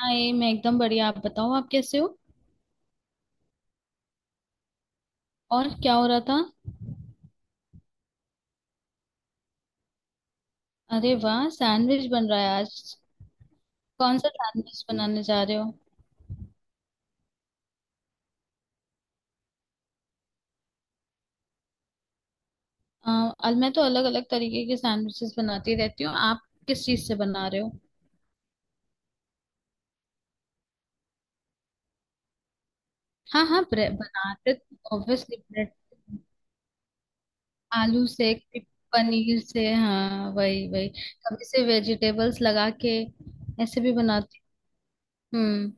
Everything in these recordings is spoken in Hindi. हाय, मैं एकदम बढ़िया। आप बताओ, आप कैसे हो। और क्या हो रहा था। अरे वाह, सैंडविच बन रहा है आज। कौन सा सैंडविच बनाने जा रहे हो। आ, आज मैं तो अलग अलग तरीके के सैंडविचेस बनाती रहती हूँ। आप किस चीज से बना रहे हो। हाँ हाँ, बनाते। Obviously bread. आलू से। पनीर से। हाँ, वही वही। कभी से वेजिटेबल्स लगा के ऐसे भी बनाती हूँ। हम्म।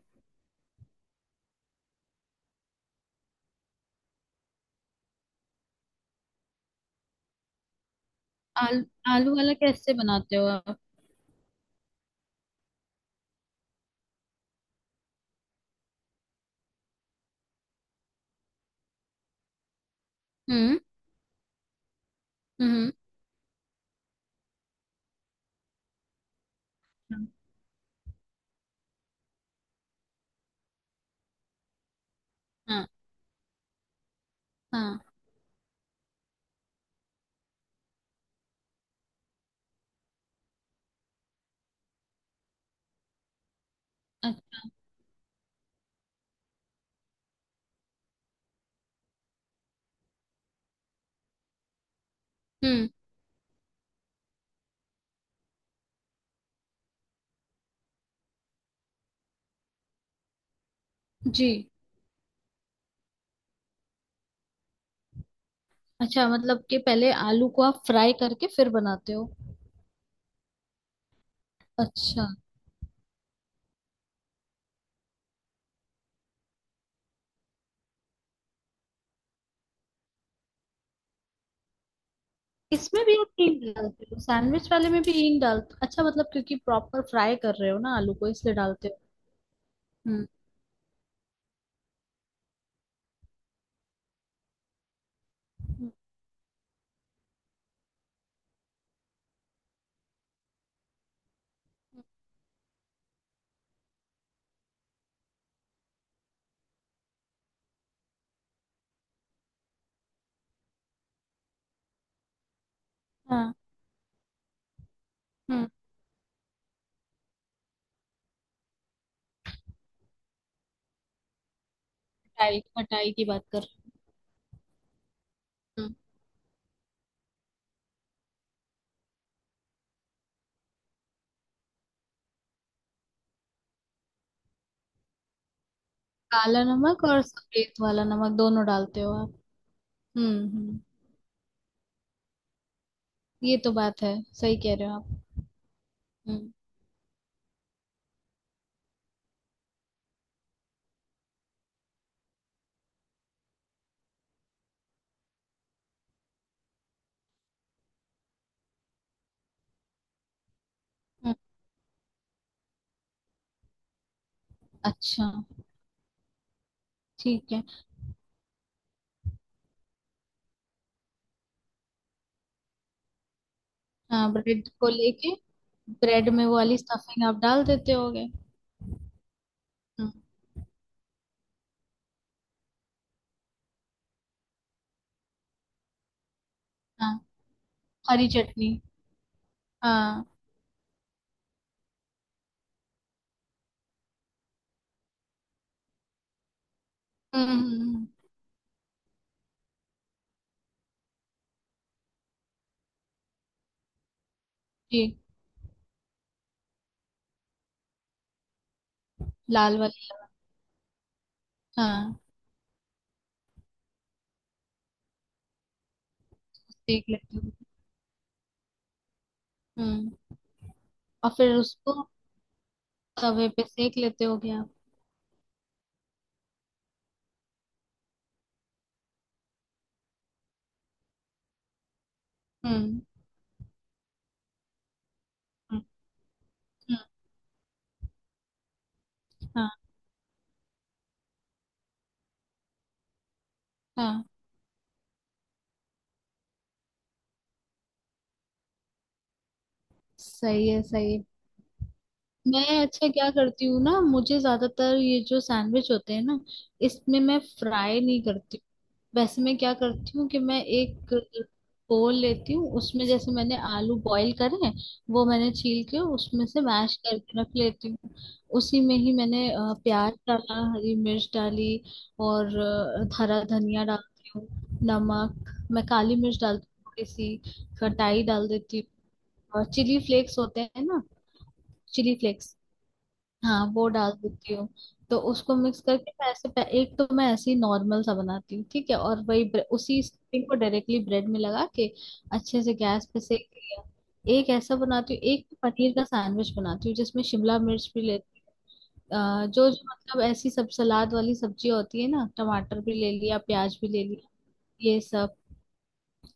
आलू। आलू वाला कैसे बनाते हो आप। हम्म। हम्म। हाँ हाँ हाँ। अच्छा। हम्म। जी। अच्छा, मतलब कि पहले आलू को आप फ्राई करके फिर बनाते हो। अच्छा। इसमें भी आप हींग डालते हो, सैंडविच वाले में भी हींग डालते। अच्छा, मतलब क्योंकि प्रॉपर फ्राई कर रहे हो ना आलू को, इसलिए डालते हो। हम्म। हम्म, हाँ। हम्म। खटाई, खटाई की बात कर रहे हो। हम्म। काला नमक और सफेद वाला नमक दोनों डालते हो आप। हम्म। हम्म, ये तो बात है। सही कह रहे हो आप। हम्म। हम्म, अच्छा। ठीक है। हाँ, ब्रेड को लेके। ब्रेड में वो वाली स्टफिंग आप डाल देते होगे। हम्म। हाँ, हरी चटनी। हाँ। हम्म, हम्म। जी। लाल वाली। हाँ। सेक लेते हो। हम्म। और फिर उसको तवे पे सेक लेते हो क्या आप? हम्म। हम्म। हम्म, हाँ हाँ। सही है, सही है। मैं, अच्छा, क्या करती हूँ ना, मुझे ज्यादातर ये जो सैंडविच होते हैं ना, इसमें मैं फ्राई नहीं करती। वैसे मैं क्या करती हूँ कि मैं एक बोल लेती हूँ, उसमें जैसे मैंने आलू बॉईल करे हैं, वो मैंने छील के उसमें से मैश करके रख लेती हूँ। उसी में ही मैंने प्याज डाला, हरी मिर्च डाली, और हरा धनिया डालती हूँ। नमक, मैं काली मिर्च डालती हूँ थोड़ी सी। खटाई डाल देती हूँ, और चिली फ्लेक्स होते हैं ना, चिली फ्लेक्स, हाँ वो डाल देती हूँ। तो उसको मिक्स करके मैं ऐसे एक तो मैं ऐसे ही नॉर्मल सा बनाती हूँ, ठीक है, और वही उसी स्टफिंग को डायरेक्टली ब्रेड में लगा के अच्छे से गैस पे सेक लिया। एक ऐसा बनाती हूँ। एक पनीर का सैंडविच बनाती हूँ, जिसमें शिमला मिर्च भी लेती हूँ। जो जो, मतलब ऐसी सब सलाद वाली सब्जी होती है ना, टमाटर भी ले लिया, प्याज भी ले लिया, ये सब।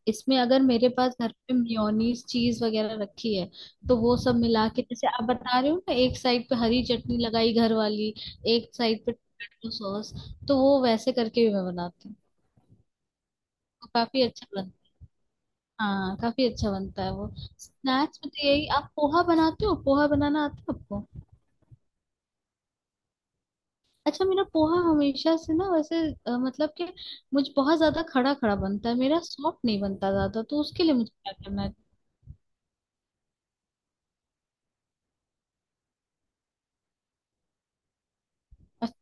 इसमें अगर मेरे पास घर पे मेयोनीज चीज वगैरह रखी है, तो वो सब मिला के, जैसे आप बता रहे हो ना, एक साइड पे हरी चटनी लगाई घर वाली, एक साइड पे टोमेटो सॉस, तो वो वैसे करके भी मैं बनाती हूँ। तो काफी अच्छा बनता है। हाँ, काफी अच्छा बनता है वो। स्नैक्स में तो यही। आप पोहा बनाते हो? पोहा बनाना आता है आपको? अच्छा, मेरा पोहा हमेशा से ना, वैसे मतलब कि मुझ बहुत ज्यादा खड़ा खड़ा बनता है मेरा, सॉफ्ट नहीं बनता ज्यादा। तो उसके लिए मुझे क्या करना है। अ-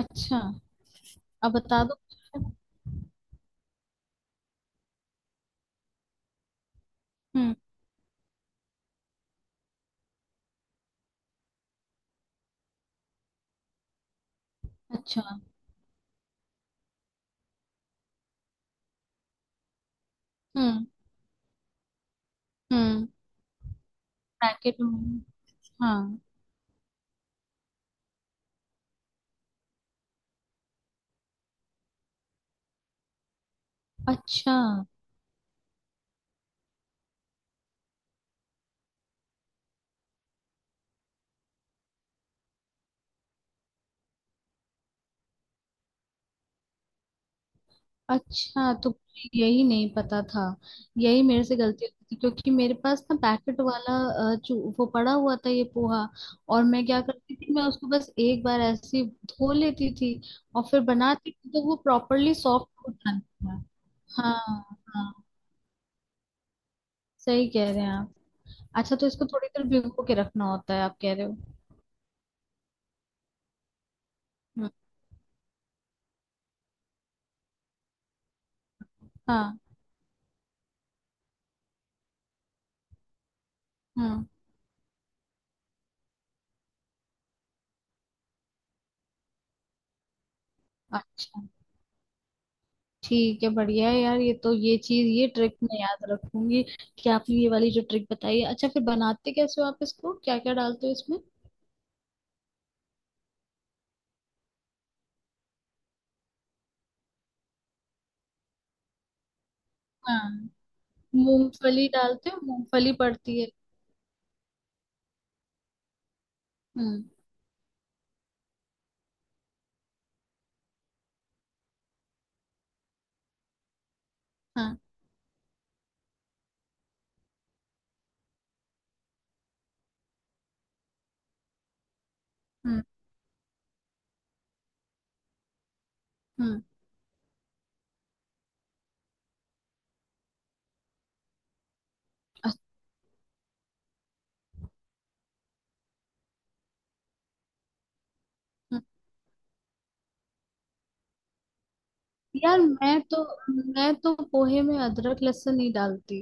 अच्छा, अब बता दो। हम्म। अच्छा। हम्म। हम्म। पैकेट में। हाँ। अच्छा अच्छा, तो मुझे यही नहीं पता था। यही मेरे से गलती हुई थी, क्योंकि मेरे पास ना पैकेट वाला जो वो पड़ा हुआ था ये पोहा, और मैं क्या करती थी, मैं उसको बस एक बार ऐसे ही धो लेती थी और फिर बनाती थी, तो वो प्रॉपरली सॉफ्ट हो जाता था। हाँ हाँ, सही कह रहे हैं आप। अच्छा, तो इसको थोड़ी देर भिगो के रखना होता है आप कह रहे हो। हम्म, हाँ हाँ। अच्छा, ठीक है, बढ़िया है यार। ये तो, ये चीज, ये ट्रिक मैं याद रखूंगी कि आपने ये वाली जो ट्रिक बताई है। अच्छा, फिर बनाते कैसे हो आप इसको? क्या क्या डालते हो इसमें? हाँ, मूंगफली डालते हो? मूंगफली पड़ती है। हम्म। हाँ। हम्म। हम्म। अच्छा। यार, मैं तो पोहे में अदरक लहसुन नहीं डालती।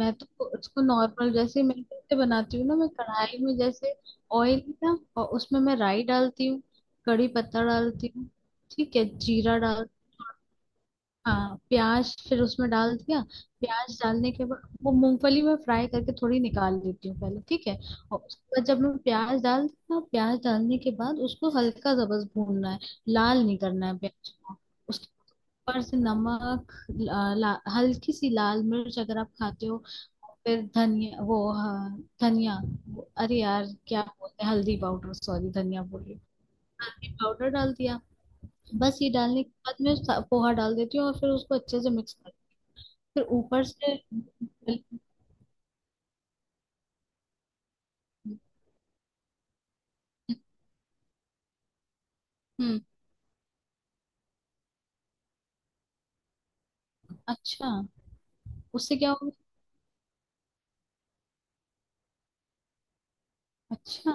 मैं तो उसको नॉर्मल, जैसे मैं कैसे बनाती हूँ ना, मैं कढ़ाई में जैसे ऑयल ना, और उसमें मैं राई डालती हूँ, कड़ी पत्ता डालती हूँ, ठीक है, जीरा डाल, हाँ, प्याज फिर उसमें डाल दिया। प्याज डालने के बाद वो मूंगफली में फ्राई करके थोड़ी निकाल लेती हूँ पहले, ठीक है, और उसके बाद जब मैं प्याज डाल दिया, प्याज डालने के बाद उसको हल्का सा बस भूनना है, लाल नहीं करना है प्याज को। उसके ऊपर से नमक, ला, ला, हल्की सी लाल मिर्च अगर आप खाते हो, फिर धनिया, वो, हाँ, धनिया, अरे यार क्या बोलते हैं, हल्दी पाउडर, सॉरी, धनिया बोल रही हूँ। हल्दी पाउडर डाल दिया। बस ये डालने के बाद मैं पोहा डाल देती हूँ और फिर उसको अच्छे से मिक्स कर, फिर ऊपर से। हम्म। अच्छा, उससे क्या होगा। अच्छा।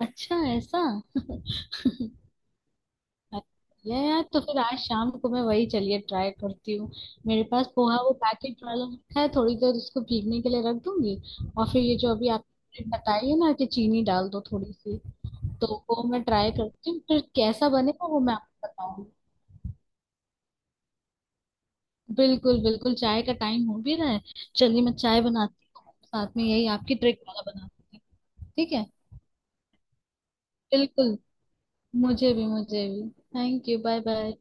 अच्छा ऐसा। ये यार, तो फिर आज शाम को मैं वही चलिए ट्राई करती हूँ। मेरे पास पोहा वो पैकेट वाला रखा है, थोड़ी देर उसको भीगने के लिए रख दूंगी, और फिर ये जो अभी आपने बताई है ना कि चीनी डाल दो थोड़ी सी, तो वो मैं ट्राई करती हूँ, फिर कैसा बनेगा वो मैं आपको बताऊंगी। बिल्कुल बिल्कुल, चाय का टाइम हो भी रहा है। चलिए, मैं चाय बनाती हूँ साथ में, यही आपकी ट्रिक वाला बनाती हूँ, ठीक है। बिल्कुल। मुझे भी, मुझे भी। Thank you, bye bye.